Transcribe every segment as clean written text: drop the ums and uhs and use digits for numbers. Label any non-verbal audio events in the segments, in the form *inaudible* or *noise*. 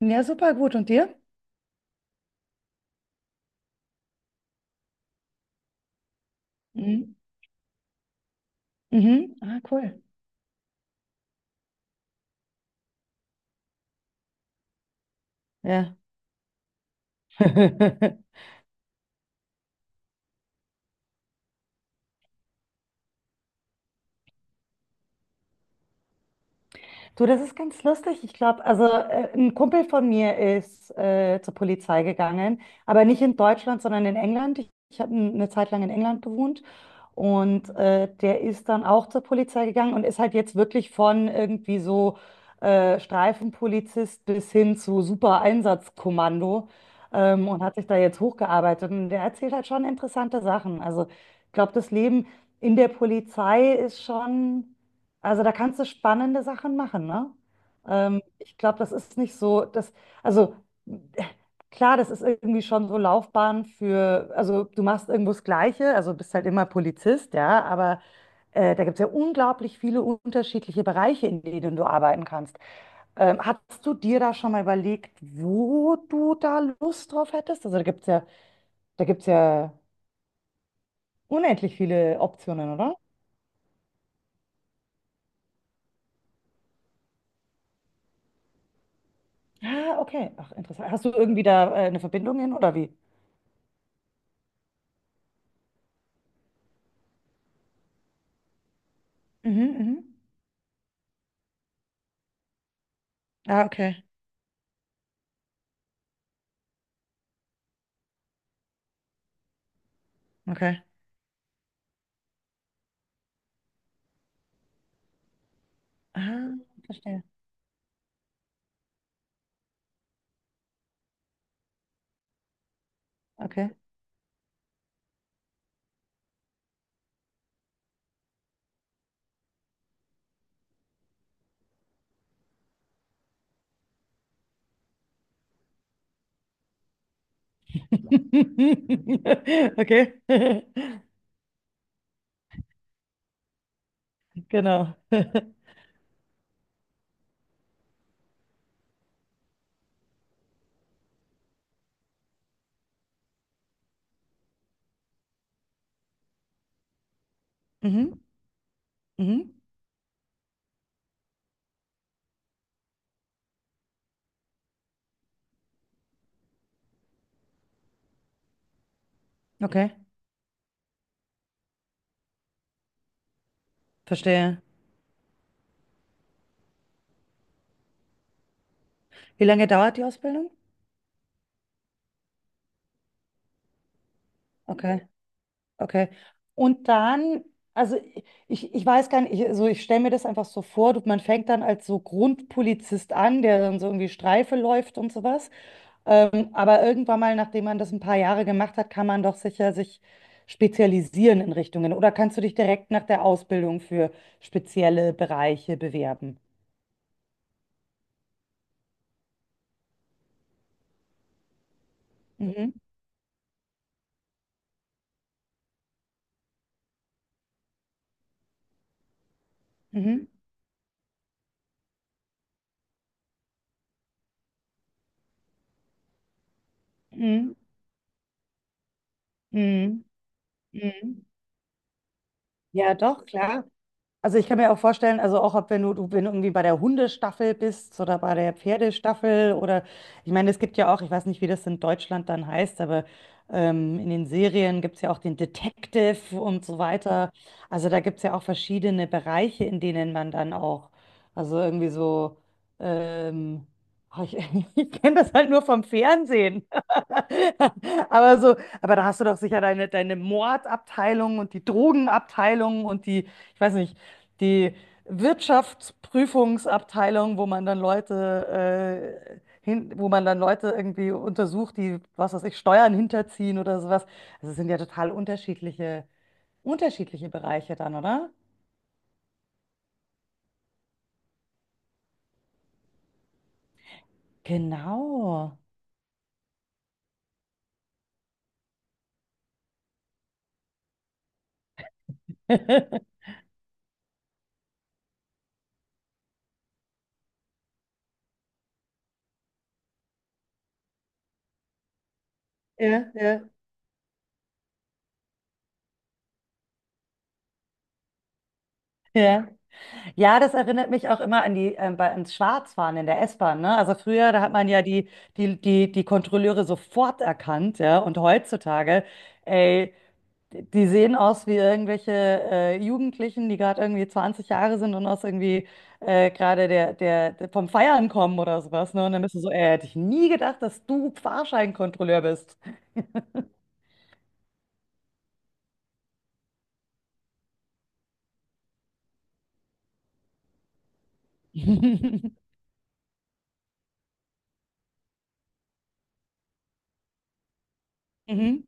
Ja, super gut. Und dir? Mhm. Mhm. Ah, cool. Ja. *laughs* Du, das ist ganz lustig. Ich glaube, also ein Kumpel von mir ist zur Polizei gegangen, aber nicht in Deutschland, sondern in England. Ich habe eine Zeit lang in England gewohnt. Und der ist dann auch zur Polizei gegangen und ist halt jetzt wirklich von irgendwie so Streifenpolizist bis hin zu Super-Einsatzkommando, und hat sich da jetzt hochgearbeitet. Und der erzählt halt schon interessante Sachen. Also ich glaube, das Leben in der Polizei ist schon, also da kannst du spannende Sachen machen, ne? Ich glaube, das ist nicht so, das, also klar, das ist irgendwie schon so Laufbahn für, also du machst irgendwo das Gleiche, also bist halt immer Polizist, ja, aber da gibt es ja unglaublich viele unterschiedliche Bereiche, in denen du arbeiten kannst. Hast du dir da schon mal überlegt, wo du da Lust drauf hättest? Also da gibt es ja unendlich viele Optionen, oder? Ah, okay. Ach, interessant. Hast du irgendwie da eine Verbindung hin oder wie? Mhm, mhm. Ah, okay, okay. Ah, verstehe. Okay. *laughs* Okay, *laughs* genau. *laughs* Mhm. Mhm. Okay, verstehe. Wie lange dauert die Ausbildung? Okay, okay. Und dann, also ich weiß gar nicht, ich, also ich stelle mir das einfach so vor, du, man fängt dann als so Grundpolizist an, der dann so irgendwie Streife läuft und sowas. Aber irgendwann mal, nachdem man das ein paar Jahre gemacht hat, kann man doch sicher sich spezialisieren in Richtungen. Oder kannst du dich direkt nach der Ausbildung für spezielle Bereiche bewerben? Mhm. Mhm. Mhm. Mhm. Mhm. Ja, doch, klar. Also ich kann mir auch vorstellen, also auch ob wenn du, du wenn du irgendwie bei der Hundestaffel bist oder bei der Pferdestaffel oder ich meine, es gibt ja auch, ich weiß nicht, wie das in Deutschland dann heißt, aber in den Serien gibt es ja auch den Detective und so weiter. Also da gibt es ja auch verschiedene Bereiche, in denen man dann auch, also irgendwie so, ähm, oh, ich, *laughs* ich kenne das halt nur vom Fernsehen. *laughs* Aber so, aber da hast du doch sicher deine Mordabteilung und die Drogenabteilung und die, ich weiß nicht, die Wirtschaftsprüfungsabteilung, wo man dann Leute, hin, wo man dann Leute irgendwie untersucht, die, was weiß ich, Steuern hinterziehen oder sowas. Also es sind ja total unterschiedliche, unterschiedliche Bereiche dann, oder? Genau. *laughs* Ja, ja. Ja. Ja, das erinnert mich auch immer an die, bei, ans Schwarzfahren in der S-Bahn, ne? Also früher, da hat man ja die Kontrolleure sofort erkannt, ja? Und heutzutage, ey, die sehen aus wie irgendwelche Jugendlichen, die gerade irgendwie 20 Jahre sind und aus irgendwie gerade der vom Feiern kommen oder sowas, ne? Und dann bist du so, ey, hätte ich nie gedacht, dass du Fahrscheinkontrolleur bist. *laughs* Mhm.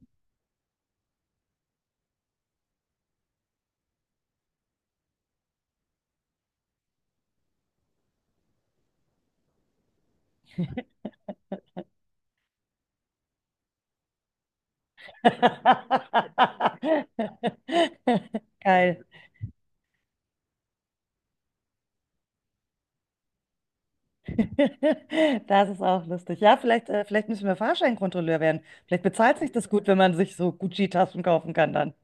*laughs* Geil. *laughs* Das ist auch lustig. Ja, vielleicht müssen wir Fahrscheinkontrolleur werden. Vielleicht bezahlt sich das gut, wenn man sich so Gucci-Taschen kaufen kann dann.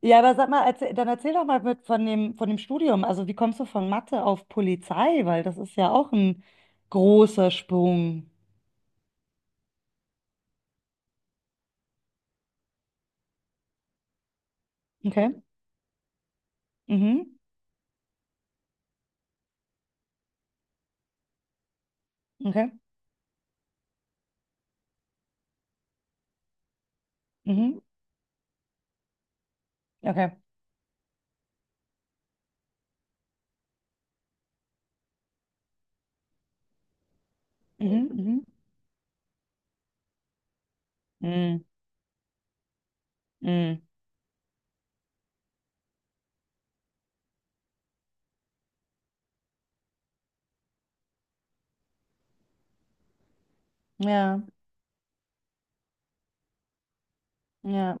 Ja, aber sag mal, erzähl, dann erzähl doch mal mit von dem Studium. Also wie kommst du von Mathe auf Polizei? Weil das ist ja auch ein großer Sprung. Okay. Mhm. Okay. Mhm. Okay. Mhm. Mhm. Mhm. Mhm. Ja. Ja.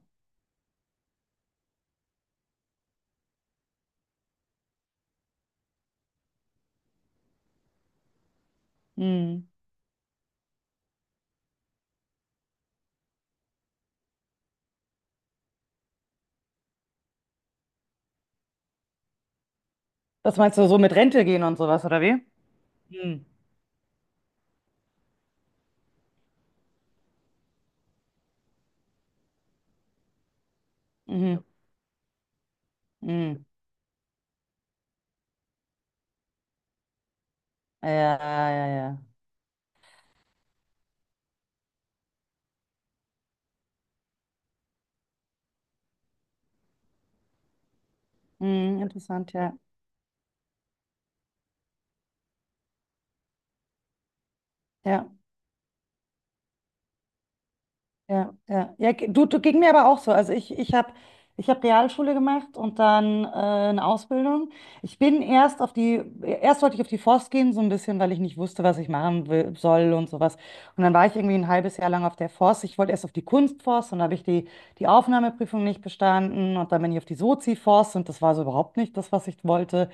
Mhm. Was meinst du, so mit Rente gehen und sowas, oder wie? Mhm. Mhm. Mhm. Ja, ja, ja. Mhm, interessant, ja. Ja. Ja, ja. Ja, du ging mir aber auch so. Also ich hab Realschule gemacht und dann eine Ausbildung. Ich bin erst auf die, erst wollte ich auf die Forst gehen, so ein bisschen, weil ich nicht wusste, was ich machen will, soll und sowas. Und dann war ich irgendwie ein halbes Jahr lang auf der Forst. Ich wollte erst auf die Kunstforst und da habe ich die Aufnahmeprüfung nicht bestanden. Und dann bin ich auf die Sozi-Forst und das war so überhaupt nicht das, was ich wollte.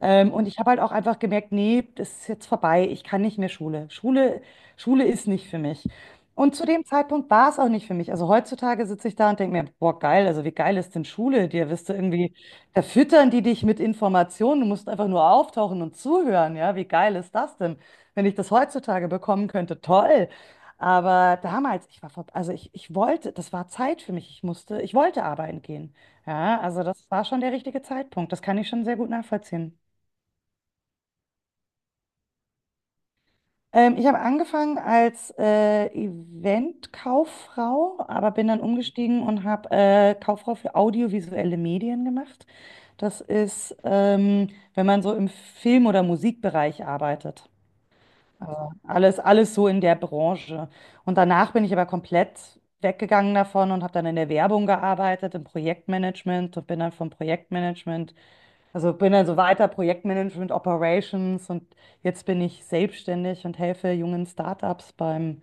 Und ich habe halt auch einfach gemerkt, nee, das ist jetzt vorbei. Ich kann nicht mehr Schule. Schule, Schule ist nicht für mich. Und zu dem Zeitpunkt war es auch nicht für mich. Also heutzutage sitze ich da und denke mir, boah, geil, also wie geil ist denn Schule? Dir wirst du irgendwie, da füttern die dich mit Informationen, du musst einfach nur auftauchen und zuhören, ja, wie geil ist das denn? Wenn ich das heutzutage bekommen könnte, toll. Aber damals, ich war, also ich wollte, das war Zeit für mich, ich musste, ich wollte arbeiten gehen. Ja, also das war schon der richtige Zeitpunkt, das kann ich schon sehr gut nachvollziehen. Ich habe angefangen als Event-Kauffrau, aber bin dann umgestiegen und habe Kauffrau für audiovisuelle Medien gemacht. Das ist, wenn man so im Film- oder Musikbereich arbeitet. Also alles, alles so in der Branche. Und danach bin ich aber komplett weggegangen davon und habe dann in der Werbung gearbeitet, im Projektmanagement und bin dann vom Projektmanagement, also bin dann so weiter Projektmanagement, Operations und jetzt bin ich selbstständig und helfe jungen Startups beim,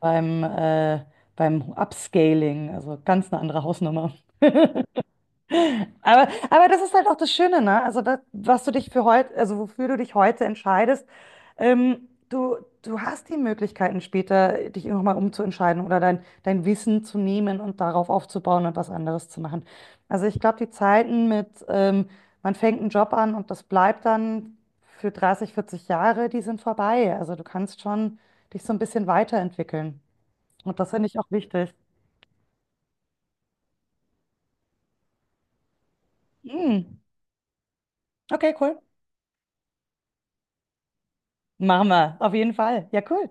beim, äh, beim Upscaling. Also ganz eine andere Hausnummer. Aber das ist halt auch das Schöne, ne? Also das, was du dich für heute, also wofür du dich heute entscheidest, ähm, du, du hast die Möglichkeiten später, dich nochmal umzuentscheiden oder dein Wissen zu nehmen und darauf aufzubauen und was anderes zu machen. Also ich glaube, die Zeiten mit, man fängt einen Job an und das bleibt dann für 30, 40 Jahre, die sind vorbei. Also du kannst schon dich so ein bisschen weiterentwickeln. Und das finde ich auch wichtig. Mm. Okay, cool. Machen wir, auf jeden Fall. Ja, cool.